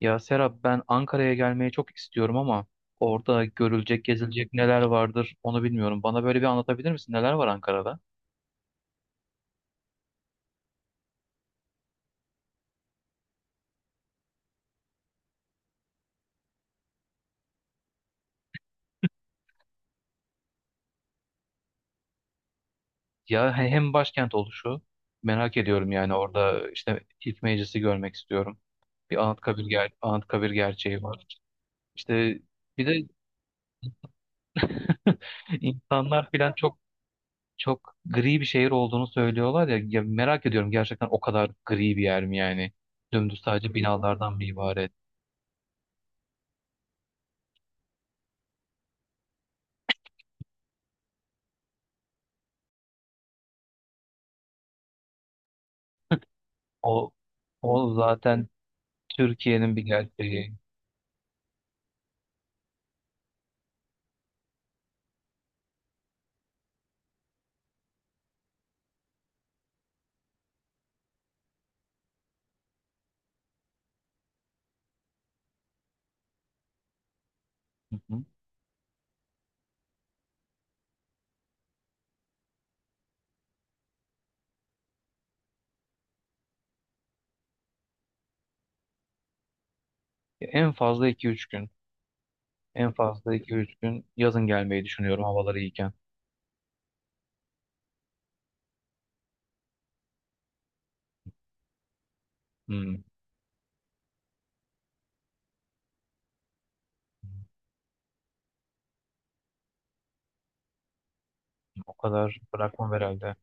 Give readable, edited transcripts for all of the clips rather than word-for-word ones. Ya Serap ben Ankara'ya gelmeyi çok istiyorum ama orada görülecek, gezilecek neler vardır onu bilmiyorum. Bana böyle bir anlatabilir misin? Neler var Ankara'da? Ya hem başkent oluşu merak ediyorum yani orada işte ilk meclisi görmek istiyorum. Bir Anıtkabir gerçeği var. İşte bir de insanlar filan çok çok gri bir şehir olduğunu söylüyorlar ya merak ediyorum gerçekten o kadar gri bir yer mi yani? Dümdüz sadece binalardan mı ibaret. O o zaten Türkiye'nin bir gerçeği. Hı hı. Ya en fazla 2-3 gün. En fazla iki üç gün yazın gelmeyi düşünüyorum, havaları iyiken. Hmm, o kadar bırakmam herhalde.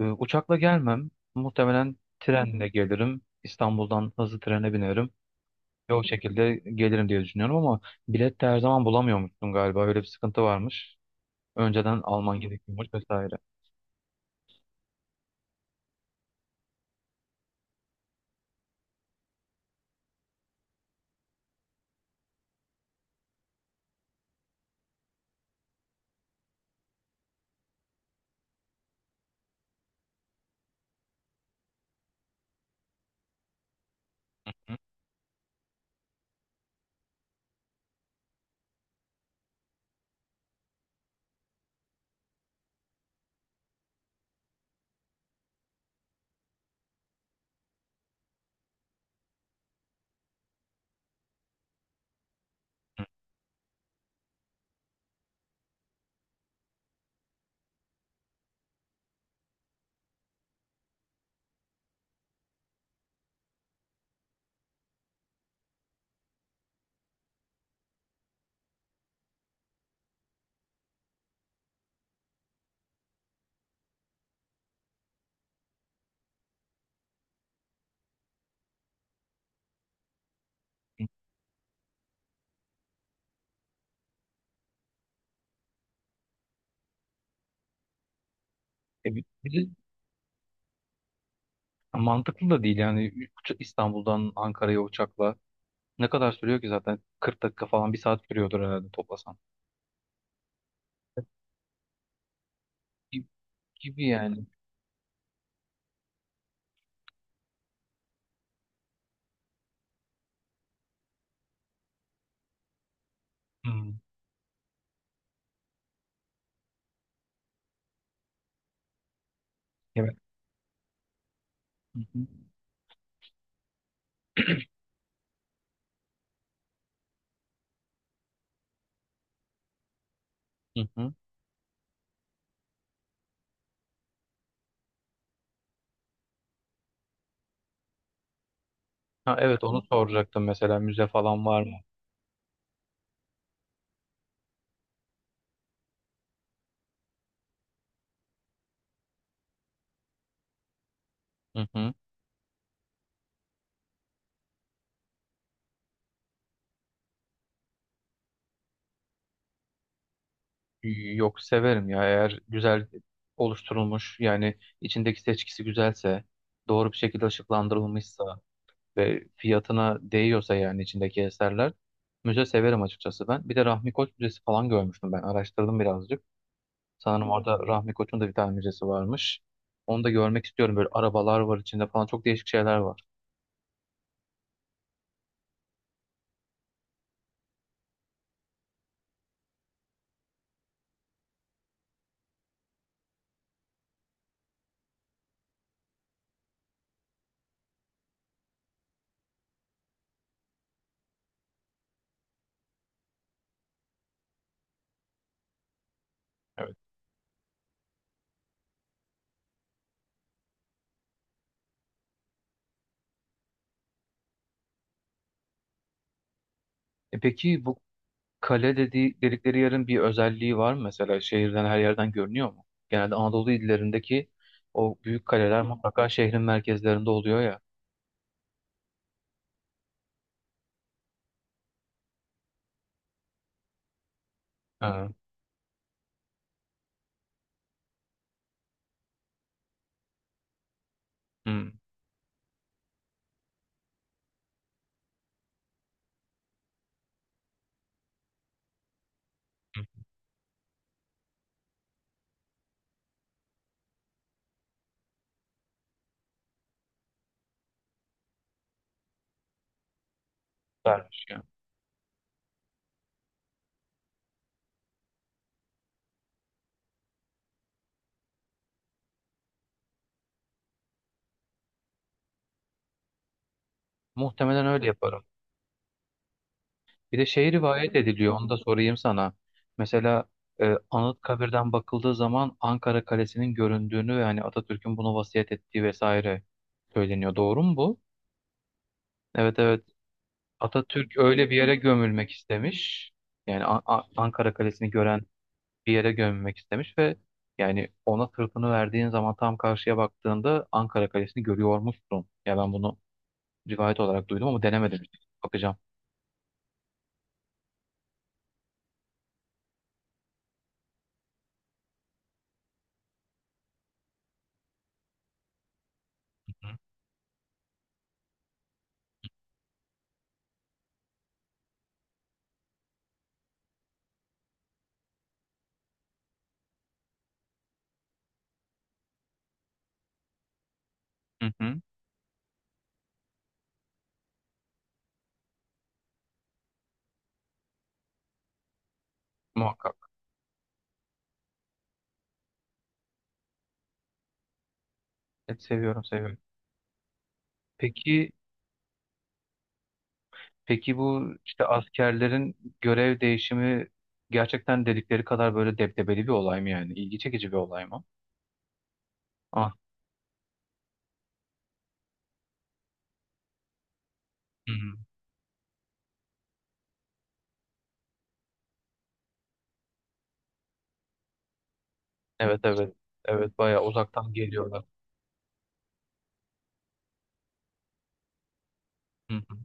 Uçakla gelmem. Muhtemelen trenle gelirim. İstanbul'dan hızlı trene binerim. Ve o şekilde gelirim diye düşünüyorum ama bilet de her zaman bulamıyormuşsun galiba. Öyle bir sıkıntı varmış. Önceden alman gerekiyormuş vesaire. Hı hı. Bir de mantıklı da değil yani. İstanbul'dan Ankara'ya uçakla ne kadar sürüyor ki zaten? 40 dakika falan, bir saat sürüyordur herhalde toplasan. Gibi, gibi yani. Hmm. Evet. Hı hı. Hı hı. Ha, evet, onu soracaktım mesela, müze falan var mı? Hı hı. Yok, severim ya, eğer güzel oluşturulmuş, yani içindeki seçkisi güzelse, doğru bir şekilde ışıklandırılmışsa ve fiyatına değiyorsa, yani içindeki eserler, müze severim açıkçası ben. Bir de Rahmi Koç Müzesi falan görmüştüm, ben araştırdım birazcık. Sanırım orada Rahmi Koç'un da bir tane müzesi varmış. Onu da görmek istiyorum. Böyle arabalar var içinde falan. Çok değişik şeyler var. Evet. Peki bu kale dedikleri yerin bir özelliği var mı? Mesela şehirden, her yerden görünüyor mu? Genelde Anadolu illerindeki o büyük kaleler mutlaka şehrin merkezlerinde oluyor ya. Ha. Hmm. Vermiş ya. Muhtemelen öyle yaparım. Bir de şey rivayet ediliyor, onu da sorayım sana. Mesela Anıtkabir'den bakıldığı zaman Ankara Kalesi'nin göründüğünü ve hani Atatürk'ün bunu vasiyet ettiği vesaire söyleniyor. Doğru mu bu? Evet, evet. Atatürk öyle bir yere gömülmek istemiş. Yani Ankara Kalesi'ni gören bir yere gömülmek istemiş ve yani ona sırtını verdiğin zaman tam karşıya baktığında Ankara Kalesi'ni görüyormuşsun. Ya ben bunu rivayet olarak duydum ama denemedim. Bakacağım. Hı hı. Muhakkak. Evet, seviyorum, seviyorum. Peki Peki bu işte askerlerin görev değişimi gerçekten dedikleri kadar böyle debdebeli bir olay mı yani? İlgi çekici bir olay mı? Ah, hı hı. Evet, evet. Evet, bayağı uzaktan geliyorlar. Hı hı.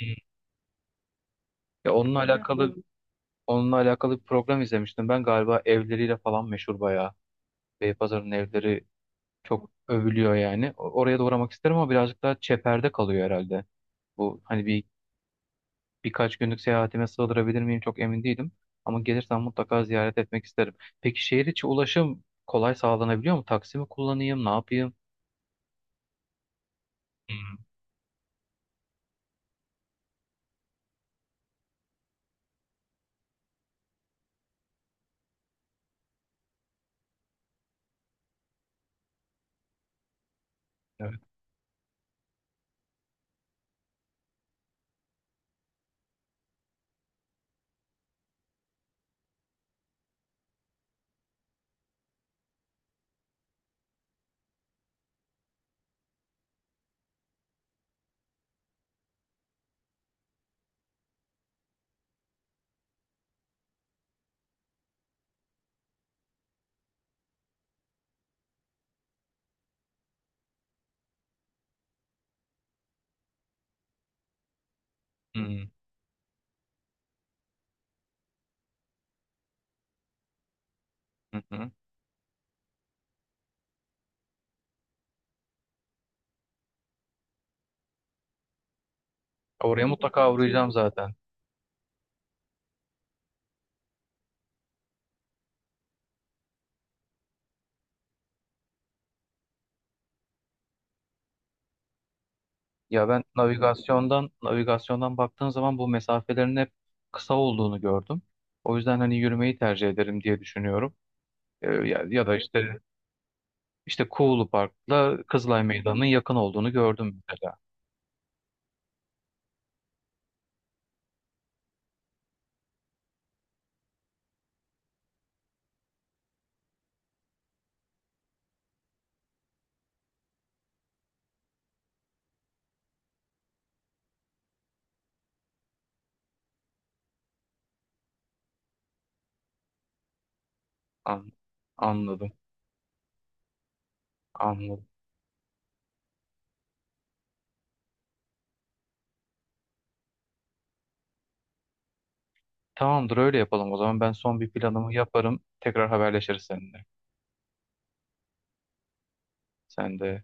Hı. Ya onunla alakalı bir program izlemiştim. Ben galiba evleriyle falan meşhur bayağı. Beypazarı'nın evleri çok övülüyor yani. Oraya da uğramak isterim ama birazcık daha çeperde kalıyor herhalde. Bu hani birkaç günlük seyahatime sığdırabilir miyim çok emin değilim. Ama gelirsem mutlaka ziyaret etmek isterim. Peki şehir içi ulaşım kolay sağlanabiliyor mu? Taksi mi kullanayım, ne yapayım? Hmm, evet. Hmm, hı hı. Oraya mutlaka uğrayacağım zaten. Ya ben navigasyondan baktığım zaman bu mesafelerin hep kısa olduğunu gördüm. O yüzden hani yürümeyi tercih ederim diye düşünüyorum. Ya da işte Kuğulu Park'la Kızılay Meydanı'nın yakın olduğunu gördüm mesela. An- anladım. Anladım. Tamamdır, öyle yapalım o zaman. Ben son bir planımı yaparım. Tekrar haberleşiriz seninle. Sen de